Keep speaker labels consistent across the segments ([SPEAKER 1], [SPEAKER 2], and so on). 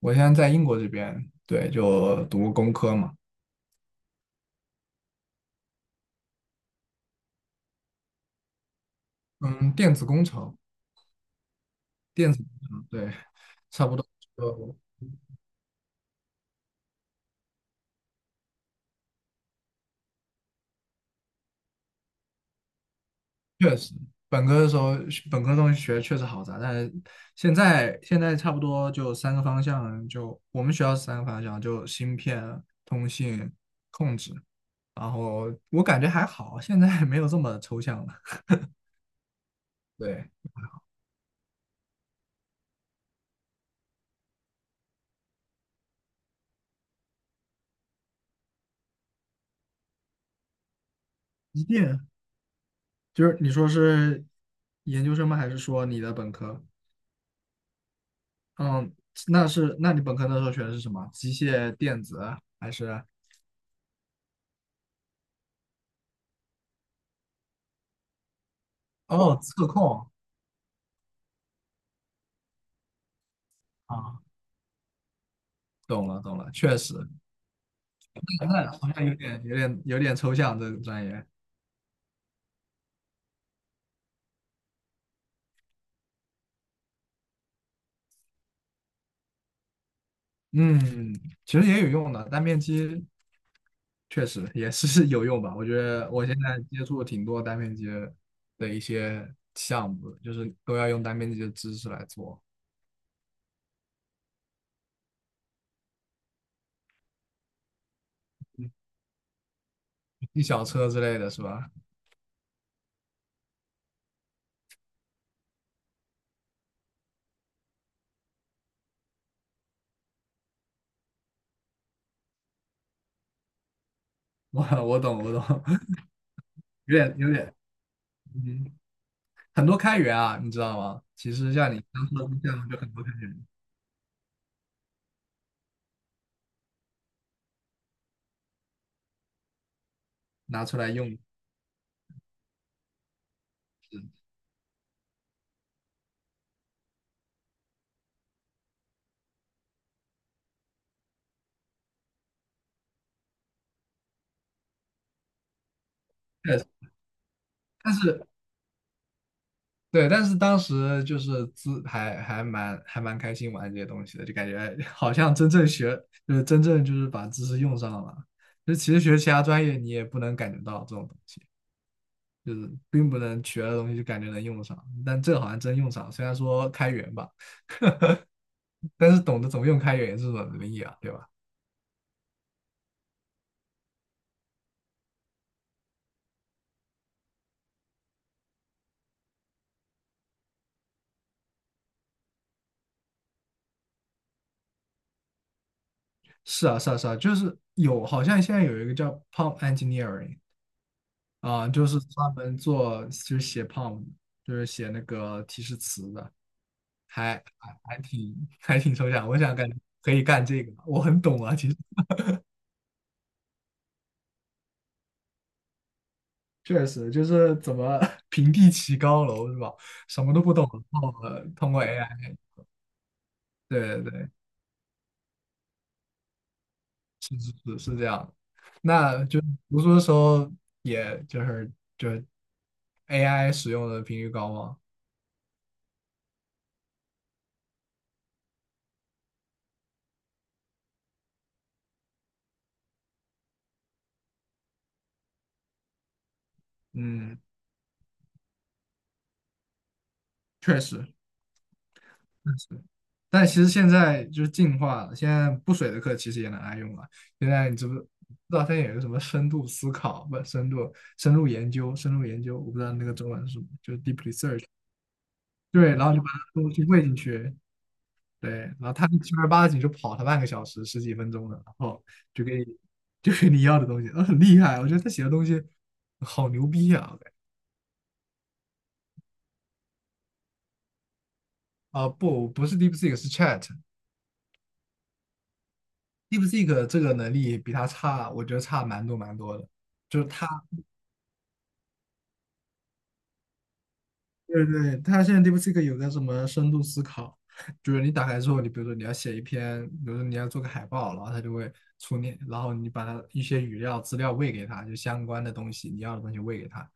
[SPEAKER 1] 我现在在英国这边，对，就读工科嘛，嗯，电子工程，电子工程，对，差不多。就确实，本科的时候，本科的东西学确实好杂，但是现在差不多就三个方向，就我们学校是三个方向，就芯片、通信、控制，然后我感觉还好，现在没有这么抽象了。对，一定就是你说是研究生吗？还是说你的本科？嗯，那是，那你本科那时候学的是什么？机械电子还是？哦，测控啊，懂了，懂了，确实，那好像有点抽象这个专业。嗯，其实也有用的，单片机确实也是 有用吧。我觉得我现在接触挺多单片机的一些项目的就是都要用单片机的知识来做，一小车之类的是吧？我懂，我懂，有点有点，嗯。很多开源啊，你知道吗？其实像你刚说的项目就很多开源拿出来用，确实，但是对，但是当时就是资还还蛮还蛮开心玩这些东西的，就感觉哎 好像真正就是把知识用上了。就其实学其他专业你也不能感觉到这种东西，就是并不能学的东西就感觉能用上，但这个好像真用上，虽然说开源吧，但是懂得怎么用开源也是种能力啊，对吧？是啊，是啊，是啊，就是有，好像现在有一个叫 PROMP engineering，啊，就是专门做就是写 prompt，就是写那个提示词的，还挺抽象。我想感觉可以干这个，我很懂啊，其实确实就是怎么 平地起高楼是吧？什么都不懂，然后通过 AI，对对对，是是是是这样。那就读书的时候，也就是 AI 使用的频率高吗？嗯，确实。但是，但其实现在就是进化了，现在不水的课其实也能爱用了。现在你知不知道现在有一个什么深度思考，不，深度深入研究，深入研究，我不知道那个中文是什么。就对，然后就把它东西喂进去，对，然后它就正儿八经就跑它半个小时十几分钟的，然后就给你就给你要的东西，很厉害，我觉得他写的东西好牛逼啊！我感觉啊、不，不是 DeepSeek，是 Chat。DeepSeek 这个能力比它差，我觉得差蛮多蛮多的。就是它对对，它现在 DeepSeek 有那什么深度思考，就是你打开之后，你比如说你要写一篇，比如说你要做个海报，然后它就会出你，然后你把它一些语料资料喂给它，就相关的东西你要的东西喂给它，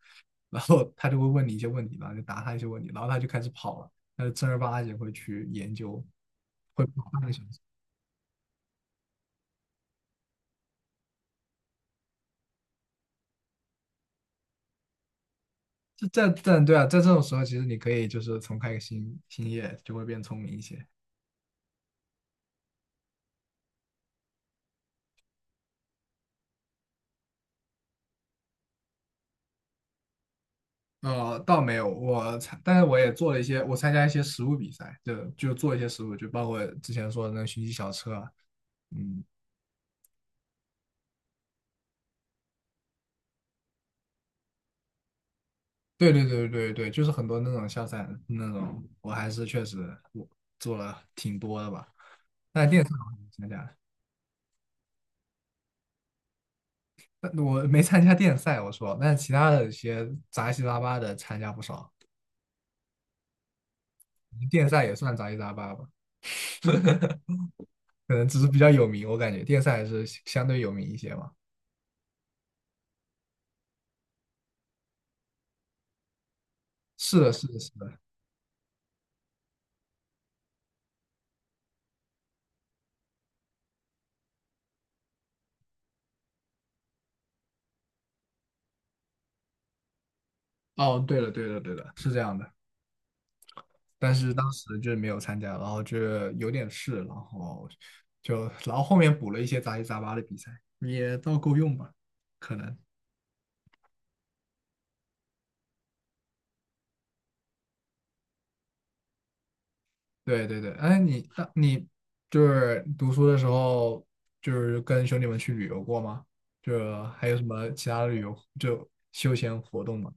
[SPEAKER 1] 然后它就会问你一些问题，然后就答它一些问题，然后它就开始跑了，它就正儿八经会去研究，会跑半个小时。这在对啊，在这种时候，其实你可以就是重开个新业，就会变聪明一些。倒没有，但是我也做了一些，我参加一些实物比赛，就做一些实物，就包括之前说的那个寻迹小车啊嗯，对对对对对，就是很多那种校赛那种，我还是确实我做了挺多的吧。但电赛我还没参加，但我没参加电赛，我说，但其他的一些杂七杂八的参加不少，电赛也算杂七杂八吧，可能只是比较有名，我感觉电赛还是相对有名一些嘛。是的，是的，是的。哦，对了，对了，对了，是这样的。但是当时就是没有参加，然后就有点事，然后就然后后面补了一些杂七杂八的比赛，也倒够用吧，可能。对对对，哎，你就是读书的时候，就是跟兄弟们去旅游过吗？就还有什么其他的旅游就休闲活动吗？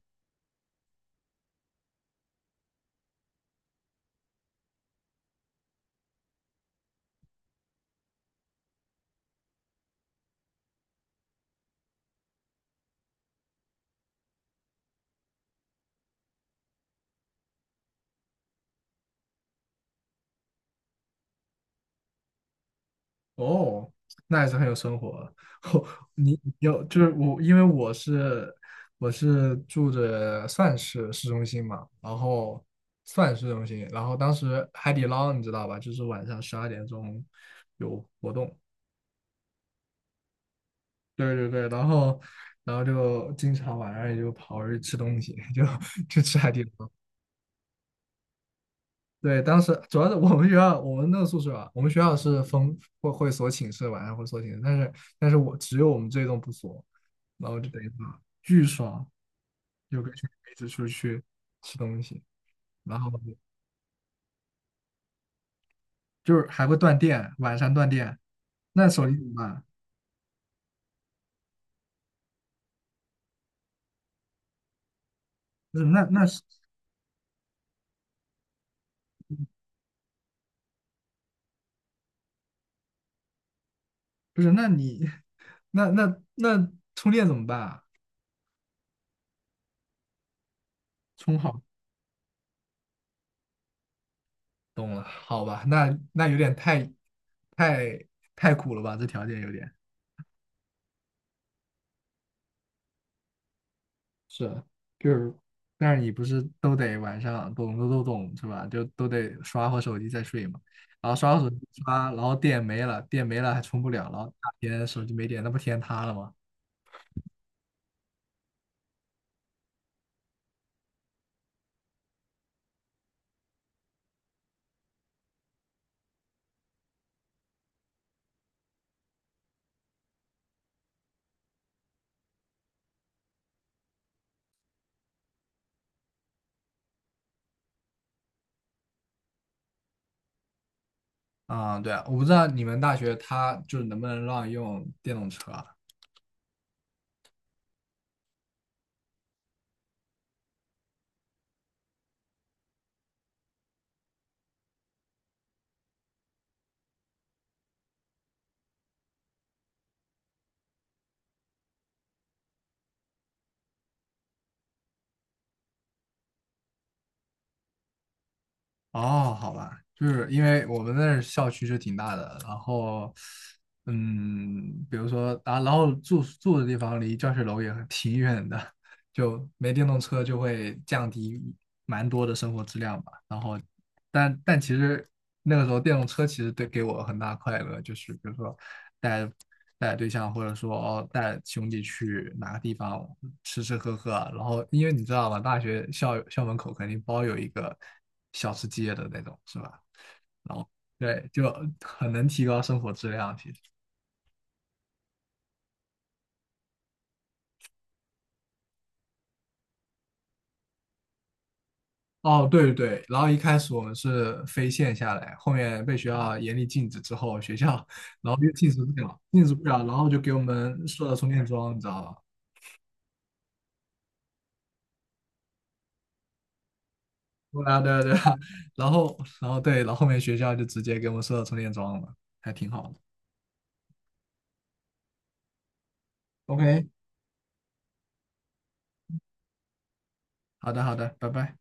[SPEAKER 1] 哦，那还是很有生活 哦，你有就是我，因为我是住着算是市中心嘛，然后算市中心，然后当时海底捞你知道吧，就是晚上12点钟有活动，对对对，然后就经常晚上也就跑出去吃东西，就 去吃海底捞。对，当时主要是我们学校，我们那个宿舍啊，我们学校是封会锁寝室，晚上会锁寝室，但是我只有我们这一栋不锁，然后就等于说巨爽，有个群一直出去吃东西，然后就是还会断电，晚上断电，那手机怎么办？不是那是不是那你 那充电怎么办啊？充好，懂了，好吧，那有点太太苦了吧，这条件有点。是啊就是，但是你不是都得晚上懂都懂是吧？就都得刷会手机再睡嘛。然后刷会手机刷，然后电没了，电没了还充不了，然后大天手机没电，那不天塌了吗？啊、对啊，我不知道你们大学它就是能不能让用电动车啊，哦，好吧，就是因为我们那儿校区是挺大的，然后，比如说啊，然后住的地方离教学楼也挺远的，就没电动车就会降低蛮多的生活质量吧。然后，但其实那个时候电动车其实对给我很大快乐，就是比如说带带对象或者说哦带兄弟去哪个地方吃吃喝喝啊然后因为你知道吧，大学校门口肯定包有一个小吃街的那种，是吧？然后对，就很能提高生活质量。其实，哦，对对对，然后一开始我们是非线下来，后面被学校严厉禁止之后，学校然后又禁止不了，禁止不了，然后就给我们设了充电桩，你知道吧？对啊，对啊，对啊，然后，然后对，然后后面学校就直接给我们设了充电桩了，还挺好的。OK，好的，好的，拜拜。